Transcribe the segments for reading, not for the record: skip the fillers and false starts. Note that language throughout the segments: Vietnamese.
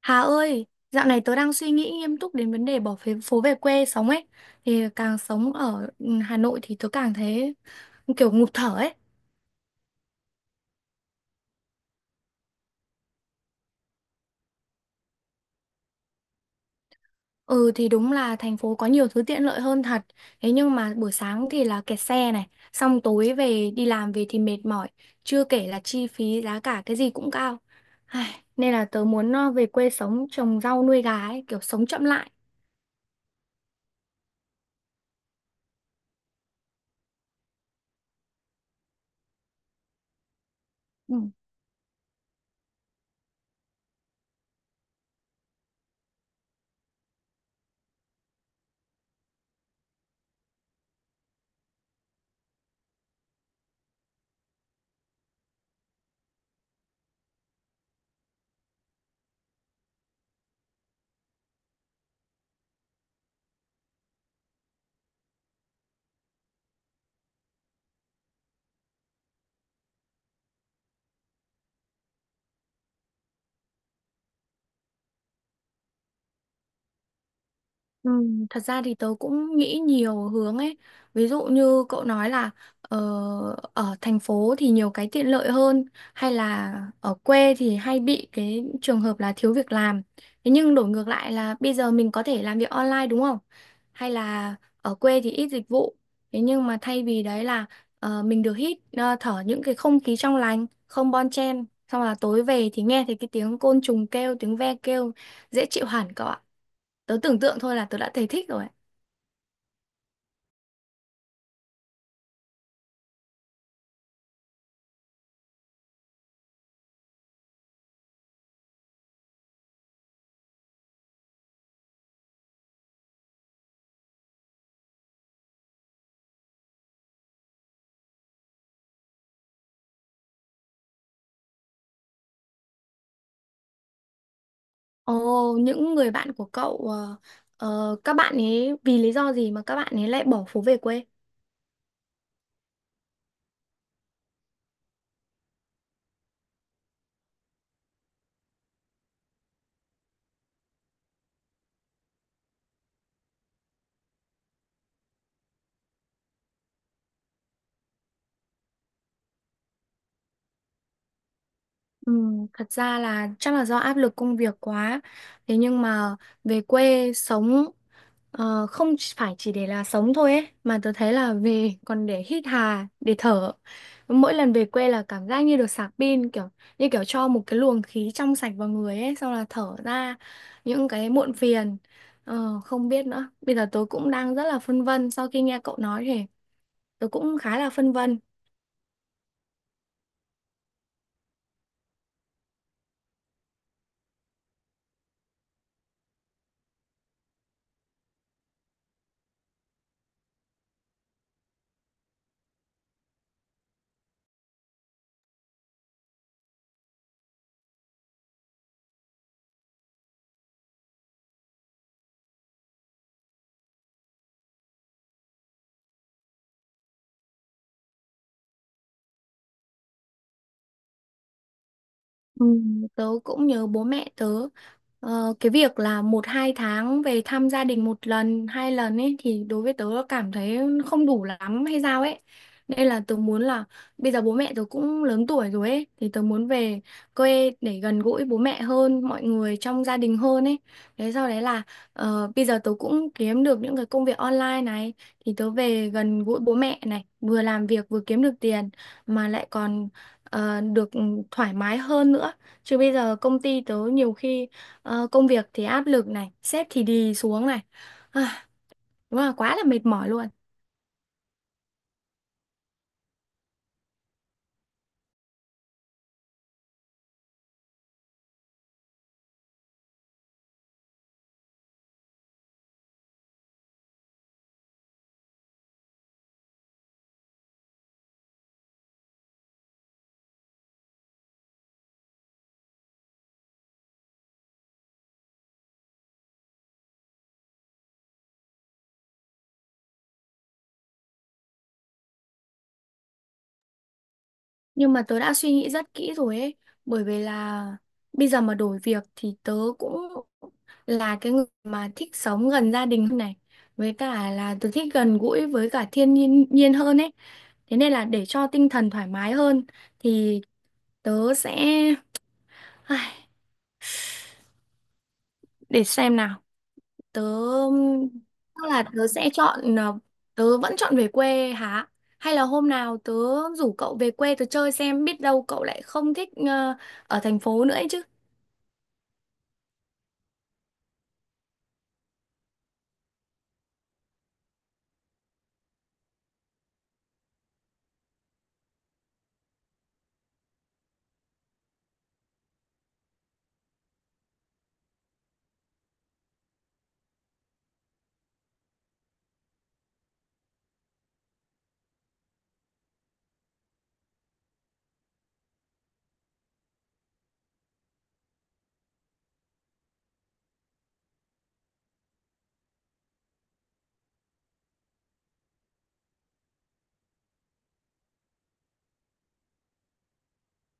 Hà ơi, dạo này tớ đang suy nghĩ nghiêm túc đến vấn đề bỏ phố về quê sống ấy. Thì càng sống ở Hà Nội thì tớ càng thấy kiểu ngụp thở ấy. Ừ thì đúng là thành phố có nhiều thứ tiện lợi hơn thật. Thế nhưng mà buổi sáng thì là kẹt xe này, xong tối về đi làm về thì mệt mỏi, chưa kể là chi phí giá cả cái gì cũng cao. Ai, nên là tớ muốn về quê sống trồng rau nuôi gà ấy, kiểu sống chậm lại. Ừ. Ừ, thật ra thì tớ cũng nghĩ nhiều hướng ấy. Ví dụ như cậu nói là ờ, ở thành phố thì nhiều cái tiện lợi hơn, hay là ở quê thì hay bị cái trường hợp là thiếu việc làm. Thế nhưng đổi ngược lại là bây giờ mình có thể làm việc online, đúng không? Hay là ở quê thì ít dịch vụ. Thế nhưng mà thay vì đấy là mình được hít thở những cái không khí trong lành, không bon chen. Xong là tối về thì nghe thấy cái tiếng côn trùng kêu, tiếng ve kêu, dễ chịu hẳn cậu ạ. Tớ tưởng tượng thôi là tớ đã thấy thích rồi. Ồ, những người bạn của cậu, các bạn ấy vì lý do gì mà các bạn ấy lại bỏ phố về quê? Ừ, thật ra là chắc là do áp lực công việc quá. Thế nhưng mà về quê sống không chỉ- phải chỉ để là sống thôi ấy, mà tớ thấy là về còn để hít hà, để thở. Mỗi lần về quê là cảm giác như được sạc pin, kiểu như kiểu cho một cái luồng khí trong sạch vào người ấy, xong là thở ra những cái muộn phiền. Ờ, không biết nữa. Bây giờ tớ cũng đang rất là phân vân, sau khi nghe cậu nói thì tớ cũng khá là phân vân. Ừ, tớ cũng nhớ bố mẹ tớ, cái việc là một hai tháng về thăm gia đình một lần hai lần ấy thì đối với tớ cảm thấy không đủ lắm hay sao ấy, nên là tớ muốn là bây giờ bố mẹ tớ cũng lớn tuổi rồi ấy, thì tớ muốn về quê để gần gũi bố mẹ hơn, mọi người trong gia đình hơn ấy. Thế sau đấy là bây giờ tớ cũng kiếm được những cái công việc online này, thì tớ về gần gũi bố mẹ này, vừa làm việc vừa kiếm được tiền, mà lại còn được thoải mái hơn nữa. Chứ bây giờ công ty tớ nhiều khi công việc thì áp lực này, sếp thì đì xuống này. À, đúng là quá là mệt mỏi luôn. Nhưng mà tớ đã suy nghĩ rất kỹ rồi ấy. Bởi vì là bây giờ mà đổi việc thì tớ cũng là cái người mà thích sống gần gia đình hơn này. Với cả là tớ thích gần gũi với cả thiên nhiên hơn ấy. Thế nên là để cho tinh thần thoải mái hơn thì tớ sẽ. Ai, để xem nào. tớ Tức là tớ sẽ chọn, tớ vẫn chọn về quê hả, hay là hôm nào tớ rủ cậu về quê tớ chơi xem, biết đâu cậu lại không thích ở thành phố nữa ấy chứ.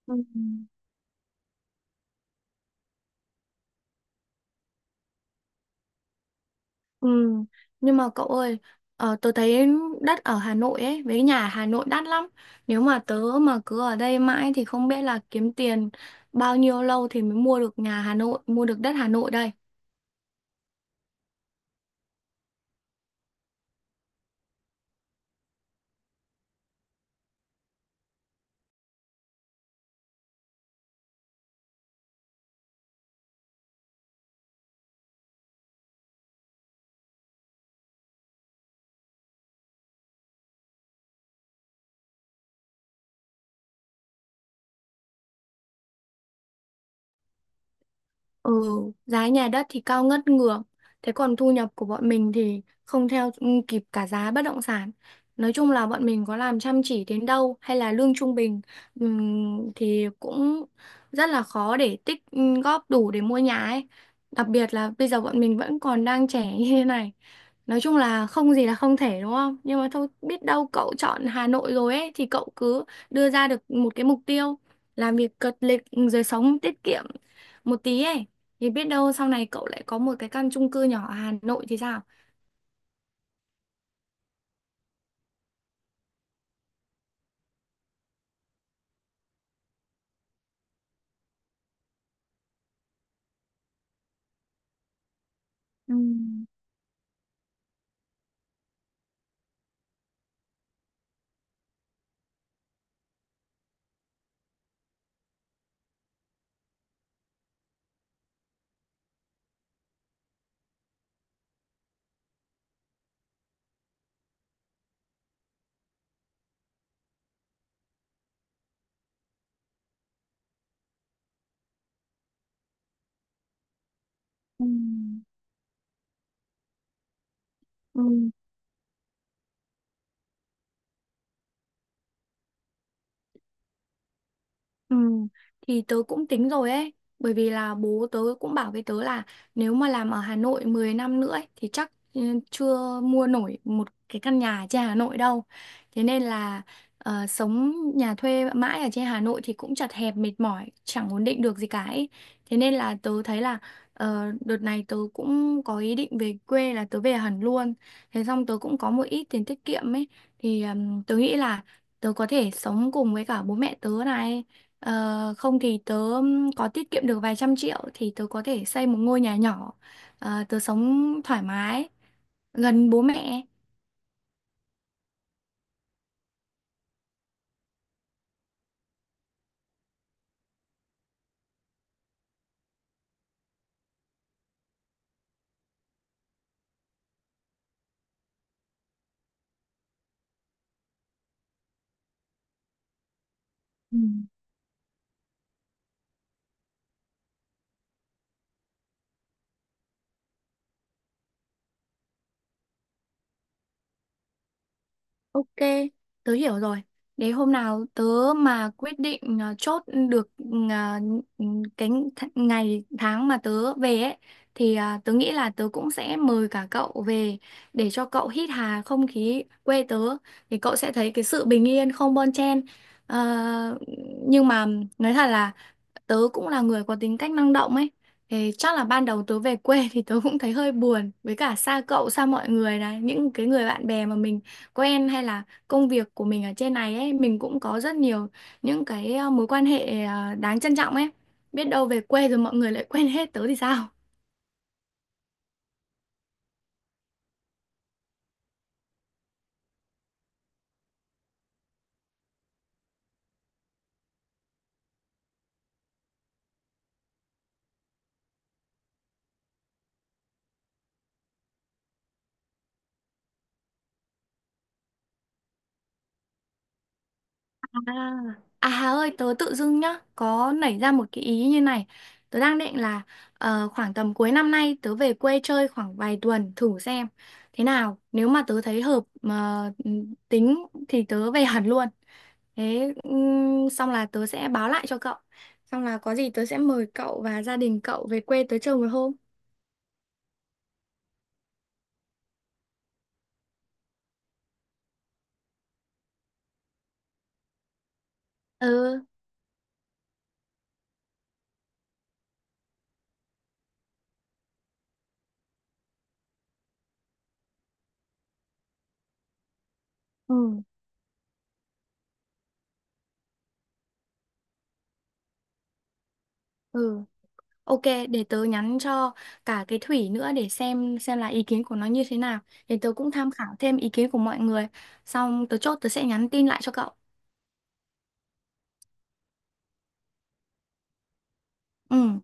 Ừ. Ừ. Nhưng mà cậu ơi, tớ thấy đất ở Hà Nội ấy với nhà Hà Nội đắt lắm, nếu mà tớ mà cứ ở đây mãi thì không biết là kiếm tiền bao nhiêu lâu thì mới mua được nhà Hà Nội, mua được đất Hà Nội đây. Ừ, giá nhà đất thì cao ngất ngược. Thế còn thu nhập của bọn mình thì không theo kịp cả giá bất động sản. Nói chung là bọn mình có làm chăm chỉ đến đâu hay là lương trung bình thì cũng rất là khó để tích góp đủ để mua nhà ấy. Đặc biệt là bây giờ bọn mình vẫn còn đang trẻ như thế này. Nói chung là không gì là không thể, đúng không? Nhưng mà thôi, biết đâu cậu chọn Hà Nội rồi ấy thì cậu cứ đưa ra được một cái mục tiêu, làm việc cật lực rồi sống tiết kiệm một tí ấy, thì biết đâu sau này cậu lại có một cái căn chung cư nhỏ ở Hà Nội thì sao? Ừ. Ừ. Ừ. Ừ, thì tớ cũng tính rồi ấy, bởi vì là bố tớ cũng bảo với tớ là nếu mà làm ở Hà Nội 10 năm nữa ấy, thì chắc chưa mua nổi một cái căn nhà ở trên Hà Nội đâu. Thế nên là sống nhà thuê mãi ở trên Hà Nội thì cũng chật hẹp, mệt mỏi, chẳng ổn định được gì cả ấy. Thế nên là tớ thấy là đợt này tớ cũng có ý định về quê, là tớ về hẳn luôn. Thế xong tớ cũng có một ít tiền tiết kiệm ấy, thì tớ nghĩ là tớ có thể sống cùng với cả bố mẹ tớ này. Ờ, không thì tớ có tiết kiệm được vài trăm triệu thì tớ có thể xây một ngôi nhà nhỏ. Ờ, tớ sống thoải mái gần bố mẹ. Ừ. Ok, tớ hiểu rồi. Để hôm nào tớ mà quyết định, à, chốt được, à, cái ngày tháng mà tớ về ấy, thì à, tớ nghĩ là tớ cũng sẽ mời cả cậu về, để cho cậu hít hà không khí quê tớ thì cậu sẽ thấy cái sự bình yên, không bon chen. Ờ, nhưng mà nói thật là tớ cũng là người có tính cách năng động ấy, thì chắc là ban đầu tớ về quê thì tớ cũng thấy hơi buồn, với cả xa cậu, xa mọi người này, những cái người bạn bè mà mình quen hay là công việc của mình ở trên này ấy, mình cũng có rất nhiều những cái mối quan hệ đáng trân trọng ấy, biết đâu về quê rồi mọi người lại quên hết tớ thì sao. À, à Hà ơi, tớ tự dưng nhá, có nảy ra một cái ý như này. Tớ đang định là khoảng tầm cuối năm nay tớ về quê chơi khoảng vài tuần thử xem thế nào. Nếu mà tớ thấy hợp mà tính thì tớ về hẳn luôn. Thế xong là tớ sẽ báo lại cho cậu. Xong là có gì tớ sẽ mời cậu và gia đình cậu về quê tớ chơi một hôm. Ừ, ừ, ừ. Ok, để tớ nhắn cho cả cái Thủy nữa để xem là ý kiến của nó như thế nào. Để tớ cũng tham khảo thêm ý kiến của mọi người. Xong tớ chốt tớ sẽ nhắn tin lại cho cậu. Ừ.